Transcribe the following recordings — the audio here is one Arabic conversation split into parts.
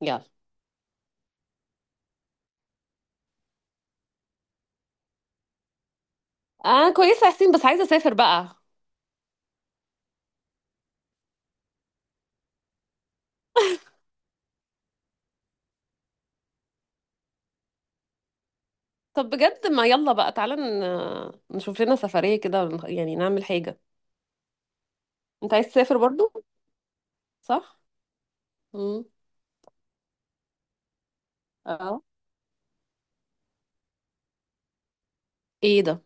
يلا. انا كويسه يا حسين، بس عايزه اسافر بقى. طب بجد، ما يلا بقى تعالى نشوف لنا سفريه كده يعني نعمل حاجه. انت عايز تسافر برضو؟ صح. امم. اه. ايه ده؟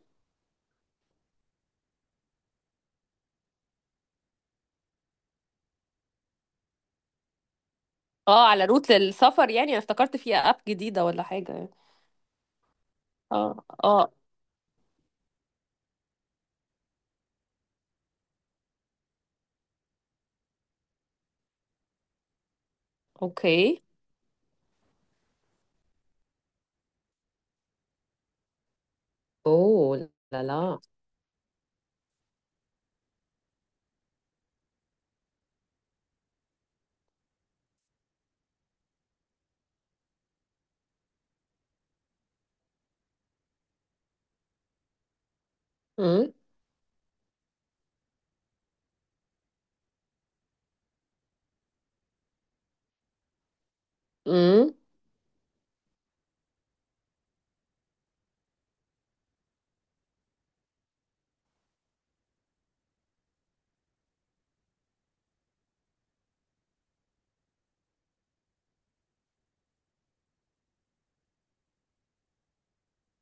اه، على روت للسفر يعني انا افتكرت في اب جديده ولا حاجه يعني. اه اه. اوكي. اوه لا لا. امم. امم.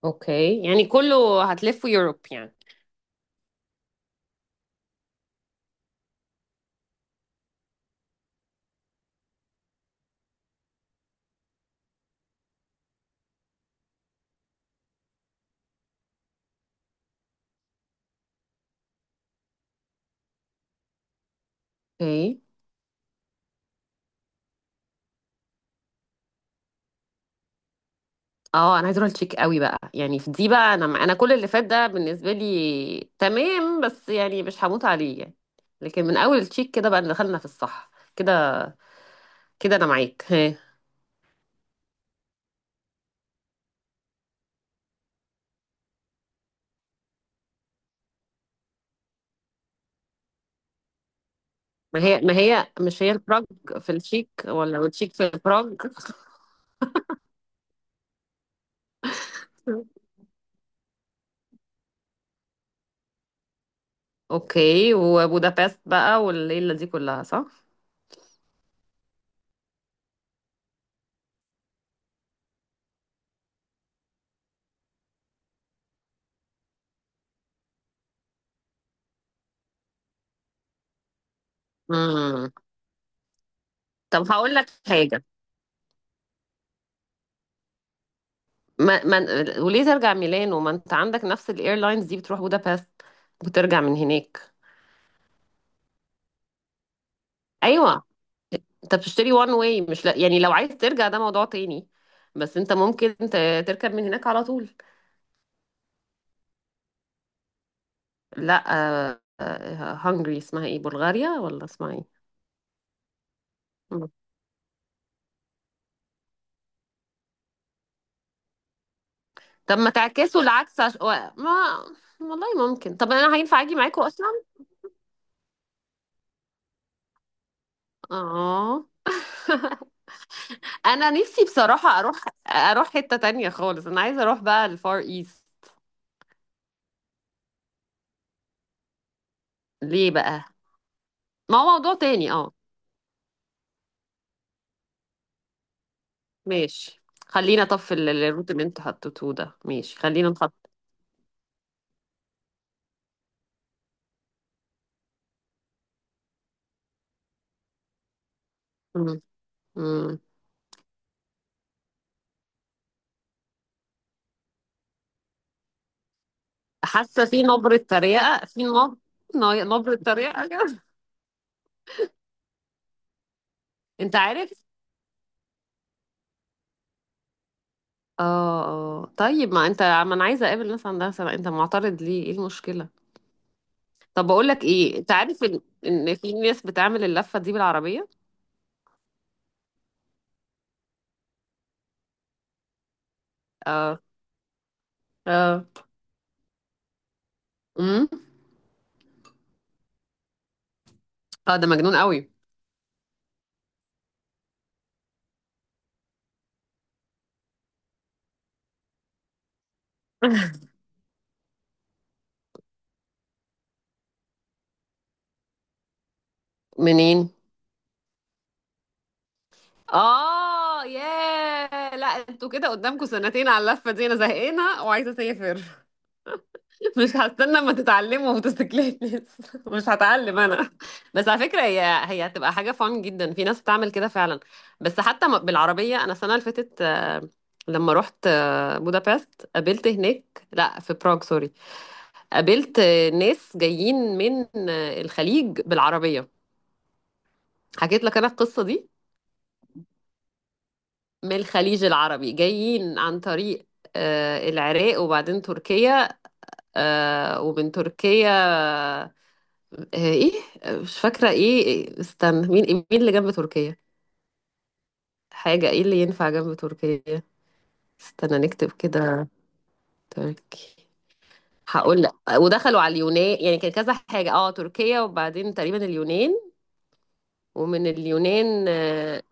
اوكي، يعني كله هتلفوا يوروب يعني. اوكي. اه، انا عايزه اروح التشيك قوي بقى يعني في دي بقى، انا كل اللي فات ده بالنسبه لي تمام بس يعني مش هموت عليه يعني. لكن من اول التشيك كده بقى دخلنا في الصح كده. كده انا معاك ها. ما هي مش هي البراج في التشيك ولا التشيك في البراج؟ اوكي. وبودابست بقى والليله دي كلها صح. امم. طب هقول لك حاجه. ما. وليه ترجع ميلانو؟ ما انت عندك نفس الايرلاينز دي بتروح بودابست وترجع من هناك. ايوه. انت بتشتري وان واي، مش لا يعني، لو عايز ترجع ده موضوع تاني. بس انت ممكن تركب من هناك على طول. لا. هنجري اسمها ايه؟ بلغاريا ولا اسمها ايه؟ مم. طب ما تعكسوا العكس ما. والله ممكن، طب انا هينفع اجي معاكوا اصلا؟ اه. انا نفسي بصراحة اروح حتة تانية خالص، انا عايزة اروح بقى الفار ايست. ليه بقى؟ ما هو موضوع تاني اه. ماشي، خلينا، طب في الروت اللي انتوا حطيتوه ده، ماشي خلينا نحط. مم. مم. حاسه في نبره تريقه، في نبره تريقه كده. انت عارف؟ اه. اه طيب، ما انت، ما انا عايزه اقابل ناس عندها سبع، انت معترض ليه؟ ايه المشكله؟ طب بقول لك ايه، انت عارف ان في ناس بتعمل اللفه دي بالعربيه؟ اه. اه. امم. اه ده مجنون قوي. منين؟ اه ياه، لا انتوا كده قدامكم سنتين على اللفه دي، انا زهقانه وعايزه اسافر. مش هستنى اما تتعلموا موتوسيكلات لسه. مش هتعلم انا. بس على فكره، هي هتبقى حاجه فان جدا، في ناس بتعمل كده فعلا. بس حتى بالعربيه، انا السنه اللي فاتت لما رحت بودابست، قابلت هناك، لا في براغ سوري، قابلت ناس جايين من الخليج بالعربيه. حكيت لك انا القصه دي. من الخليج العربي، جايين عن طريق العراق وبعدين تركيا، ومن تركيا آه، ايه آه، مش فاكرة ايه استنى، مين؟ مين اللي جنب تركيا؟ حاجة ايه اللي ينفع جنب تركيا؟ استنى نكتب كده. تركي. هقول لك. ودخلوا على اليونان، يعني كان كذا حاجة، اه تركيا وبعدين تقريبا اليونان، ومن اليونان اه،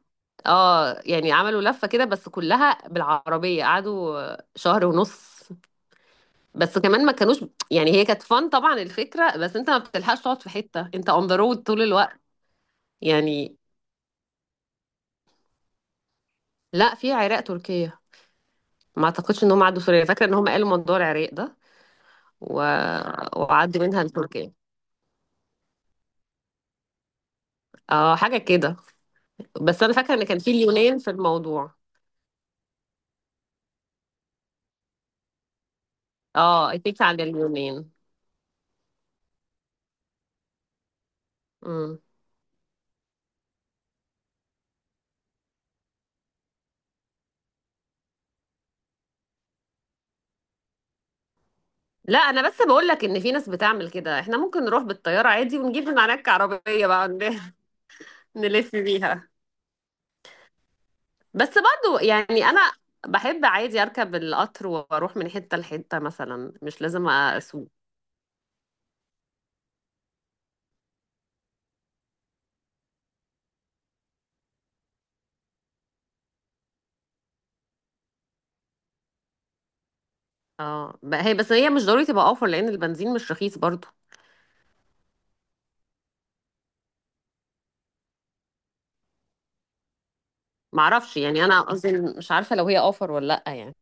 يعني عملوا لفة كده بس كلها بالعربية، قعدوا شهر ونص. بس كمان ما كانوش، يعني هي كانت فن طبعا الفكرة، بس انت ما بتلحقش تقعد في حتة، انت اون ذا رود طول الوقت يعني. لا، في عراق تركيا، ما اعتقدش ان هم عدوا سوريا، فاكره ان هم قالوا موضوع العراق ده و... وعدوا منها لتركيا. اه حاجه كده. بس انا فاكره ان كان في اليونان في الموضوع. اه، اتفقت على اليونان. امم. لا انا بس بقول لك ان في ناس بتعمل كده، احنا ممكن نروح بالطياره عادي ونجيب من هناك عربيه بقى نلف بيها. بس برضو يعني انا بحب عادي اركب القطر واروح من حته لحته مثلا، مش لازم اسوق. اه هي، بس هي مش ضروري تبقى اوفر، لان البنزين مش رخيص برضو. معرفش يعني، انا قصدي إن مش عارفه لو هي اوفر ولا لا يعني.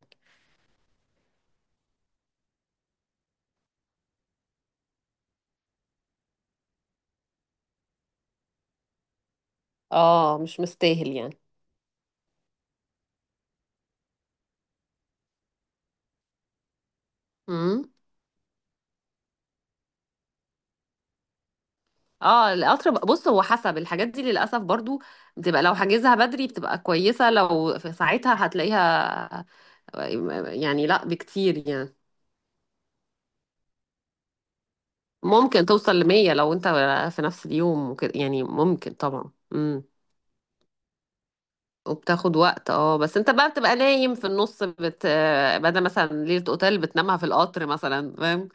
اه مش مستاهل يعني. امم. اه القطر بقى- بص، هو حسب الحاجات دي للاسف برضو، بتبقى لو حاجزها بدري بتبقى كويسه، لو في ساعتها هتلاقيها يعني لا بكتير يعني. ممكن توصل لمية لو انت في نفس اليوم وكده يعني، ممكن طبعا. امم. وبتاخد وقت اه، بس انت بقى بتبقى نايم في النص بدل مثلا ليلة اوتيل بتنامها في القطر مثلا، فاهم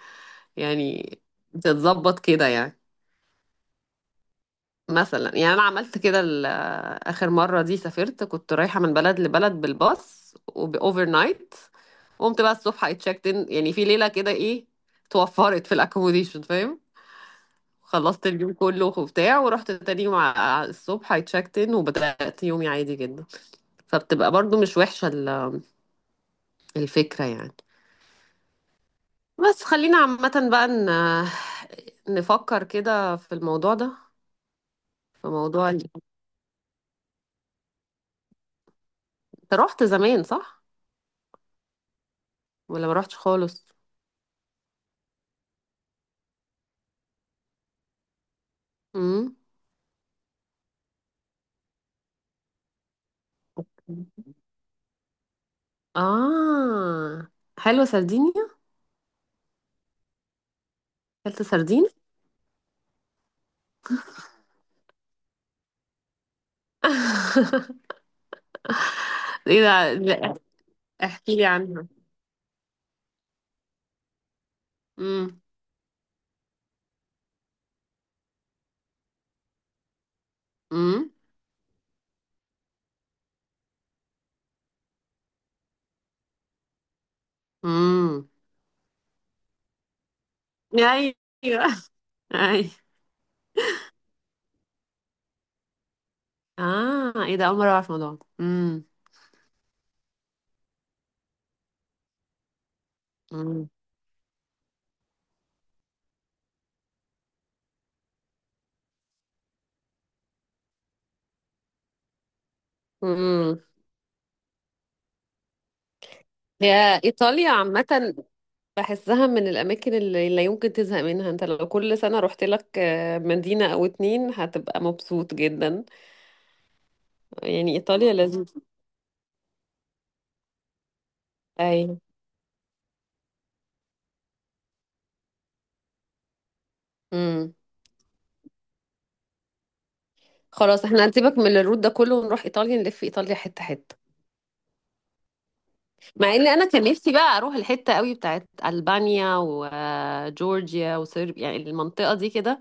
يعني؟ بتتظبط كده يعني. مثلا يعني انا عملت كده اخر مره دي سافرت، كنت رايحه من بلد لبلد بالباص وباوفر نايت، قمت بقى الصبح اي تشيكت ان، يعني في ليله كده ايه توفرت في الاكوموديشن، فاهم؟ خلصت اليوم كله وبتاع، ورحت تاني يوم الصبح اي تشيكت ان وبدات يومي عادي جدا. فبتبقى برضو مش وحشه الفكره يعني. بس خلينا عامه بقى نفكر كده في الموضوع ده. في موضوع انت رحت زمان صح؟ ولا ما رحتش خالص؟ امم. اه. حلوة سردينيا. اكلت سردين. ايه ده لا، احكي لي عنها. امم. امم. امم. ايوه. ايوه. اه ايه ده، اول مرة اعرف الموضوع ده. امم. امم. أمم. هي ايطاليا عامة بحسها من الاماكن اللي لا يمكن تزهق منها، انت لو كل سنة رحت لك مدينة او اتنين هتبقى مبسوط جدا. يعني ايطاليا لذيذة. ايوه. امم. خلاص احنا هنسيبك من الروت ده كله ونروح ايطاليا، نلف ايطاليا حته حته. مع ان انا كان نفسي بقى اروح الحته قوي بتاعت البانيا وجورجيا وصربيا، يعني المنطقه دي كده.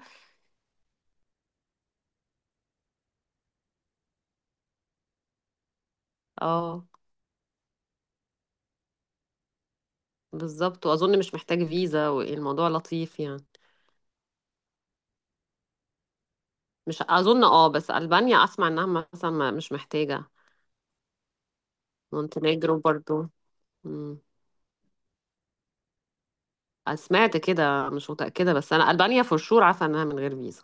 اه بالظبط، واظن مش محتاج فيزا والموضوع لطيف يعني. مش اظن. اه بس البانيا اسمع انها مثلا مش محتاجه. مونتينيجرو برضو. مم. سمعت كده مش متاكده، بس انا البانيا فور شور عارفه انها من غير فيزا.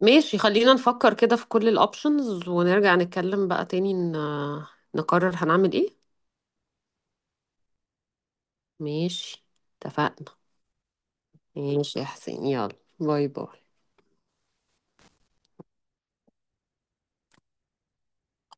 ماشي خلينا نفكر كده في كل الاوبشنز ونرجع نتكلم بقى تاني نقرر هنعمل ايه. ماشي. اتفقنا. ماشي يا حسين، يلا باي باي.